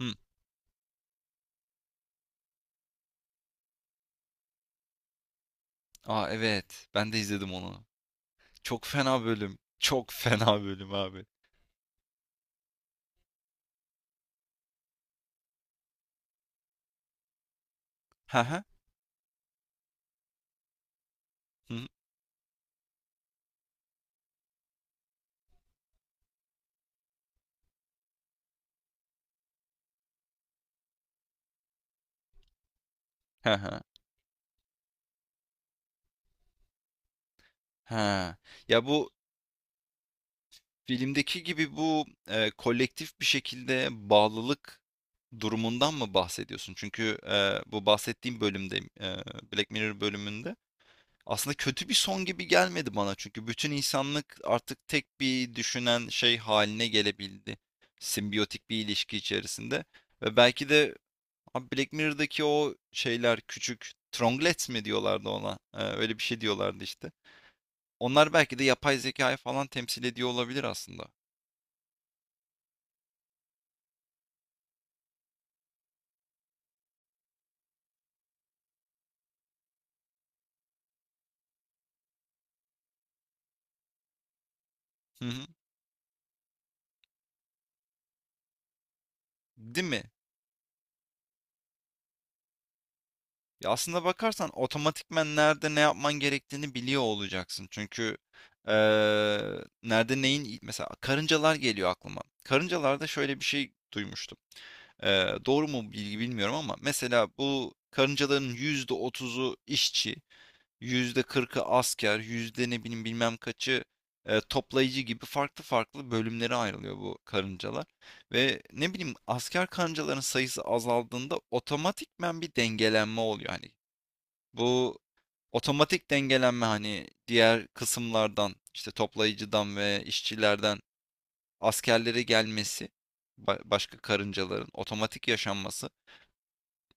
Hı. Aa, evet. Ben de izledim onu. Çok fena bölüm. Çok fena bölüm abi. Ha ha. Hı hı. Ha ha. Ha. Ya bu filmdeki gibi bu kolektif bir şekilde bağlılık durumundan mı bahsediyorsun? Çünkü bu bahsettiğim bölümde Black Mirror bölümünde aslında kötü bir son gibi gelmedi bana. Çünkü bütün insanlık artık tek bir düşünen şey haline gelebildi. Simbiyotik bir ilişki içerisinde. Ve belki de abi Black Mirror'daki o şeyler küçük tronglets mi diyorlardı ona? Öyle bir şey diyorlardı işte. Onlar belki de yapay zekayı falan temsil ediyor olabilir aslında. Hı hı. Değil mi? Ya aslında bakarsan otomatikmen nerede ne yapman gerektiğini biliyor olacaksın. Çünkü eee, nerede neyin mesela karıncalar geliyor aklıma. Karıncalarda şöyle bir şey duymuştum. Doğru mu bilgi bilmiyorum ama mesela bu karıncaların %30'u işçi, %40'ı asker, yüzde ne bileyim bilmem kaçı toplayıcı gibi farklı farklı bölümlere ayrılıyor bu karıncalar. Ve ne bileyim asker karıncaların sayısı azaldığında otomatikmen bir dengelenme oluyor. Hani bu otomatik dengelenme hani diğer kısımlardan işte toplayıcıdan ve işçilerden askerlere gelmesi başka karıncaların otomatik yaşanması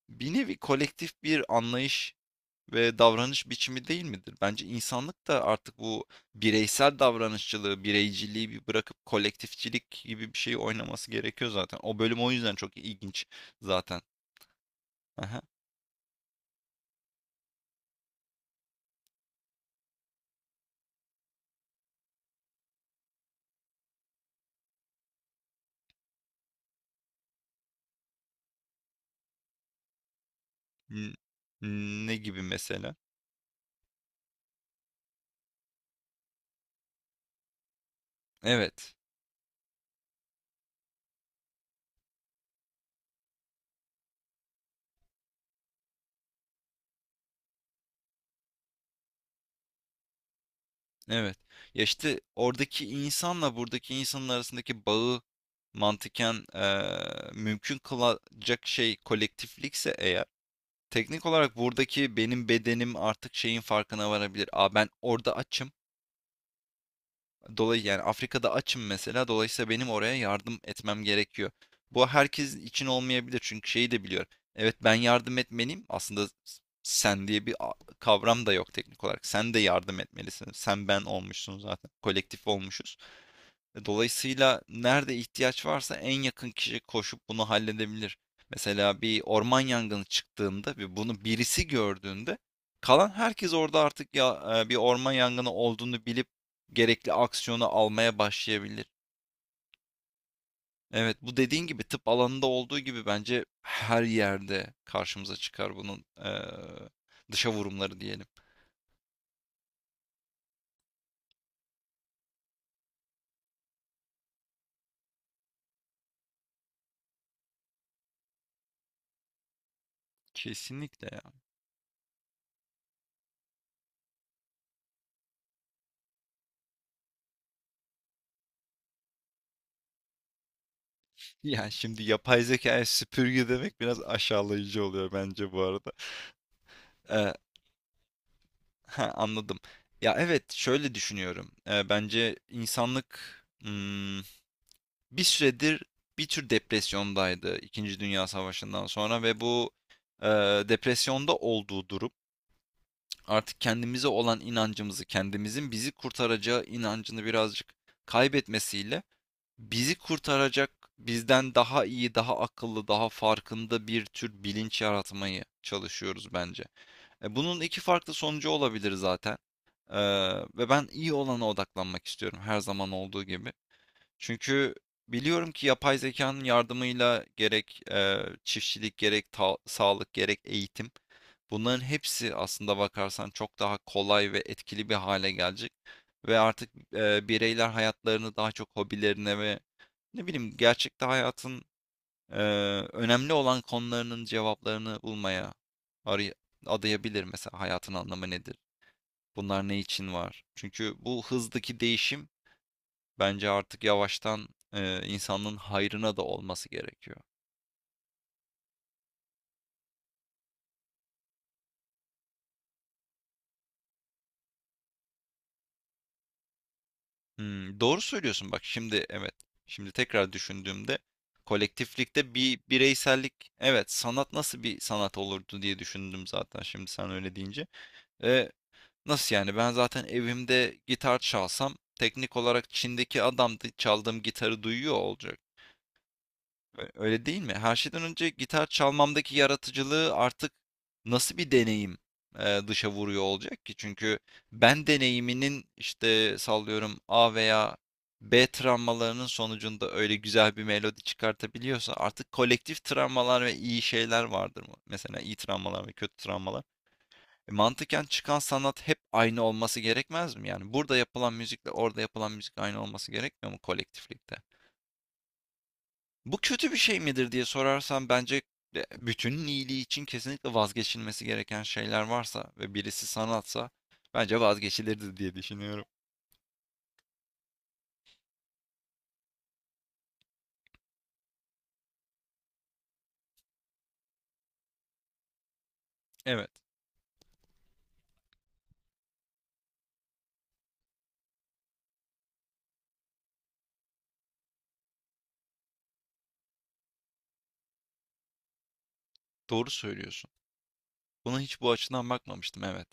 bir nevi kolektif bir anlayış ve davranış biçimi değil midir? Bence insanlık da artık bu bireysel davranışçılığı, bireyciliği bir bırakıp kolektifçilik gibi bir şeyi oynaması gerekiyor zaten. O bölüm o yüzden çok ilginç zaten. Aha. N- Ne gibi mesela? Evet. Evet. Ya işte oradaki insanla buradaki insanın arasındaki bağı mantıken mümkün kılacak şey kolektiflikse eğer teknik olarak buradaki benim bedenim artık şeyin farkına varabilir. Aa, ben orada açım. Dolayı yani Afrika'da açım mesela. Dolayısıyla benim oraya yardım etmem gerekiyor. Bu herkes için olmayabilir çünkü şeyi de biliyorum. Evet, ben yardım etmeliyim. Aslında sen diye bir kavram da yok teknik olarak. Sen de yardım etmelisin. Sen ben olmuşsun zaten. Kolektif olmuşuz. Dolayısıyla nerede ihtiyaç varsa en yakın kişi koşup bunu halledebilir. Mesela bir orman yangını çıktığında ve bunu birisi gördüğünde kalan herkes orada artık ya bir orman yangını olduğunu bilip gerekli aksiyonu almaya başlayabilir. Evet, bu dediğin gibi tıp alanında olduğu gibi bence her yerde karşımıza çıkar bunun dışa vurumları diyelim. Kesinlikle ya. Yani şimdi yapay zekaya süpürge demek biraz aşağılayıcı oluyor bence bu arada. E, Ha, anladım. Ya evet, şöyle düşünüyorum. Bence insanlık hmm, bir süredir bir tür depresyondaydı İkinci Dünya Savaşı'ndan sonra ve bu e, depresyonda olduğu durum artık kendimize olan inancımızı, kendimizin bizi kurtaracağı inancını birazcık kaybetmesiyle bizi kurtaracak, bizden daha iyi, daha akıllı, daha farkında bir tür bilinç yaratmayı çalışıyoruz bence. Bunun iki farklı sonucu olabilir zaten. Ee, Ve ben iyi olana odaklanmak istiyorum her zaman olduğu gibi. Çünkü biliyorum ki yapay zekanın yardımıyla gerek çiftçilik, gerek sağlık, gerek eğitim bunların hepsi aslında bakarsan çok daha kolay ve etkili bir hale gelecek. Ve artık bireyler hayatlarını daha çok hobilerine ve ne bileyim gerçekte hayatın e, önemli olan konularının cevaplarını bulmaya aray- adayabilir, mesela hayatın anlamı nedir? Bunlar ne için var? Çünkü bu hızdaki değişim bence artık yavaştan insanlığın hayrına da olması gerekiyor. Hmm, doğru söylüyorsun, bak şimdi evet. Şimdi tekrar düşündüğümde kolektiflikte bir bireysellik, evet sanat nasıl bir sanat olurdu diye düşündüm zaten şimdi sen öyle deyince. E, Nasıl yani, ben zaten evimde gitar çalsam teknik olarak Çin'deki adam da çaldığım gitarı duyuyor olacak. Öyle değil mi? Her şeyden önce gitar çalmamdaki yaratıcılığı artık nasıl bir deneyim dışa vuruyor olacak ki? Çünkü ben deneyiminin işte sallıyorum A veya B travmalarının sonucunda öyle güzel bir melodi çıkartabiliyorsa artık kolektif travmalar ve iyi şeyler vardır mı? Mesela iyi travmalar ve kötü travmalar. Mantıken çıkan sanat hep aynı olması gerekmez mi? Yani burada yapılan müzikle orada yapılan müzik aynı olması gerekmiyor mu kolektiflikte? Bu kötü bir şey midir diye sorarsan, bence bütünün iyiliği için kesinlikle vazgeçilmesi gereken şeyler varsa ve birisi sanatsa bence vazgeçilirdi diye düşünüyorum. Evet, doğru söylüyorsun. Buna hiç bu açıdan bakmamıştım, evet.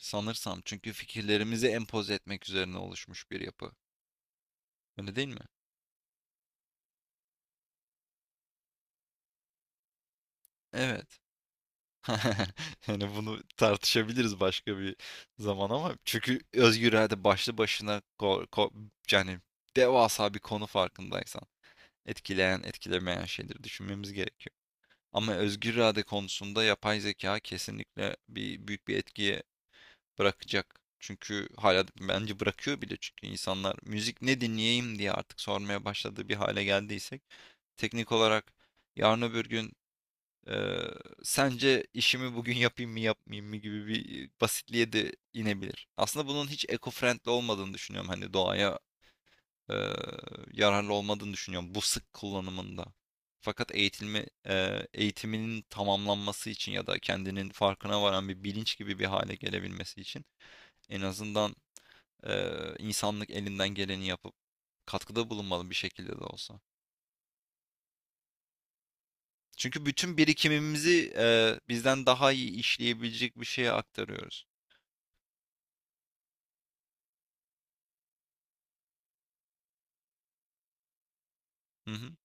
Sanırsam çünkü fikirlerimizi empoze etmek üzerine oluşmuş bir yapı. Öyle değil mi? Evet. Yani bunu tartışabiliriz başka bir zaman, ama çünkü özgür irade başlı başına yani devasa bir konu farkındaysan. Etkileyen, etkilemeyen şeyleri düşünmemiz gerekiyor. Ama özgür irade konusunda yapay zeka kesinlikle büyük bir etkiye bırakacak. Çünkü hala bence bırakıyor bile, çünkü insanlar müzik ne dinleyeyim diye artık sormaya başladığı bir hale geldiysek teknik olarak yarın öbür gün eee, sence işimi bugün yapayım mı yapmayayım mı gibi bir basitliğe de inebilir. Aslında bunun hiç eco-friendly olmadığını düşünüyorum, hani doğaya eee, yararlı olmadığını düşünüyorum bu sık kullanımında. Fakat eğitilme, eğitiminin tamamlanması için ya da kendinin farkına varan bir bilinç gibi bir hale gelebilmesi için en azından insanlık elinden geleni yapıp katkıda bulunmalı bir şekilde de olsa. Çünkü bütün birikimimizi bizden daha iyi işleyebilecek bir şeye aktarıyoruz. Hı hı.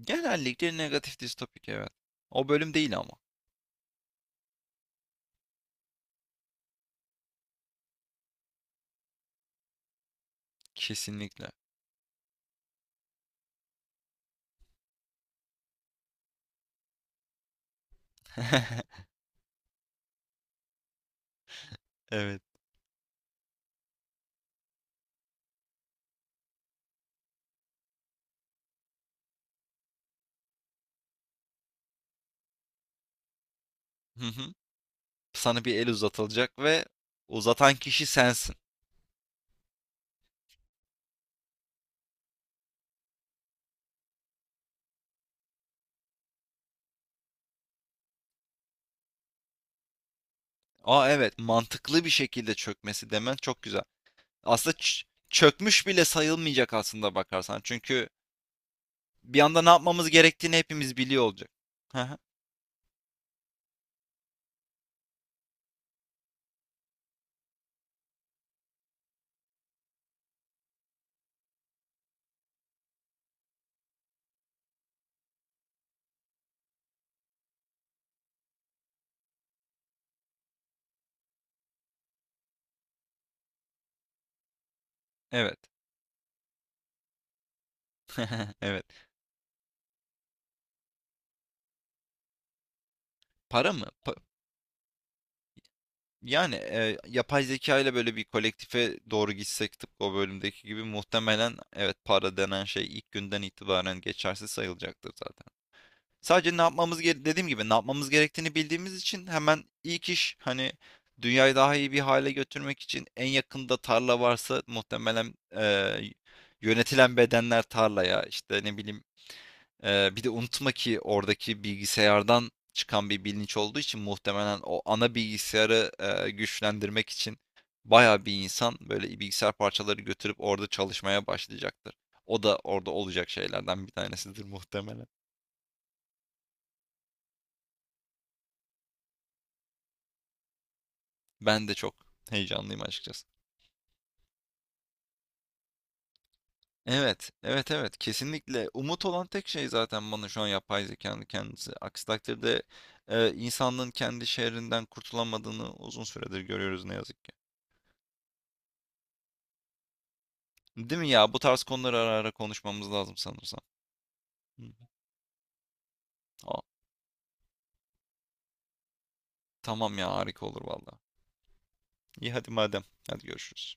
Genellikle negatif distopik, evet. O bölüm değil ama. Kesinlikle. Evet. Hı hı. Sana bir el uzatılacak ve uzatan kişi sensin. Aa, evet, mantıklı bir şekilde çökmesi demen çok güzel. Aslında çökmüş bile sayılmayacak aslında bakarsan. Çünkü bir anda ne yapmamız gerektiğini hepimiz biliyor olacak. Hı hı. Evet. Evet. Para mı? Yani yapay zeka ile böyle bir kolektife doğru gitsek tıpkı o bölümdeki gibi, muhtemelen evet, para denen şey ilk günden itibaren geçersiz sayılacaktır zaten. Sadece dediğim gibi ne yapmamız gerektiğini bildiğimiz için hemen ilk iş, hani dünyayı daha iyi bir hale götürmek için en yakında tarla varsa muhtemelen yönetilen bedenler tarlaya işte ne bileyim, bir de unutma ki oradaki bilgisayardan çıkan bir bilinç olduğu için muhtemelen o ana bilgisayarı güçlendirmek için bayağı bir insan böyle bilgisayar parçaları götürüp orada çalışmaya başlayacaktır. O da orada olacak şeylerden bir tanesidir muhtemelen. Ben de çok heyecanlıyım açıkçası. Evet, evet, evet. Kesinlikle. Umut olan tek şey zaten bana şu an yapay zekanın kendisi. Aksi takdirde insanlığın kendi şehrinden kurtulamadığını uzun süredir görüyoruz ne yazık ki. Değil mi ya? Bu tarz konuları ara ara konuşmamız lazım sanırsam. Hı. Aa, tamam ya, harika olur valla. İyi hadi madem. Hadi görüşürüz.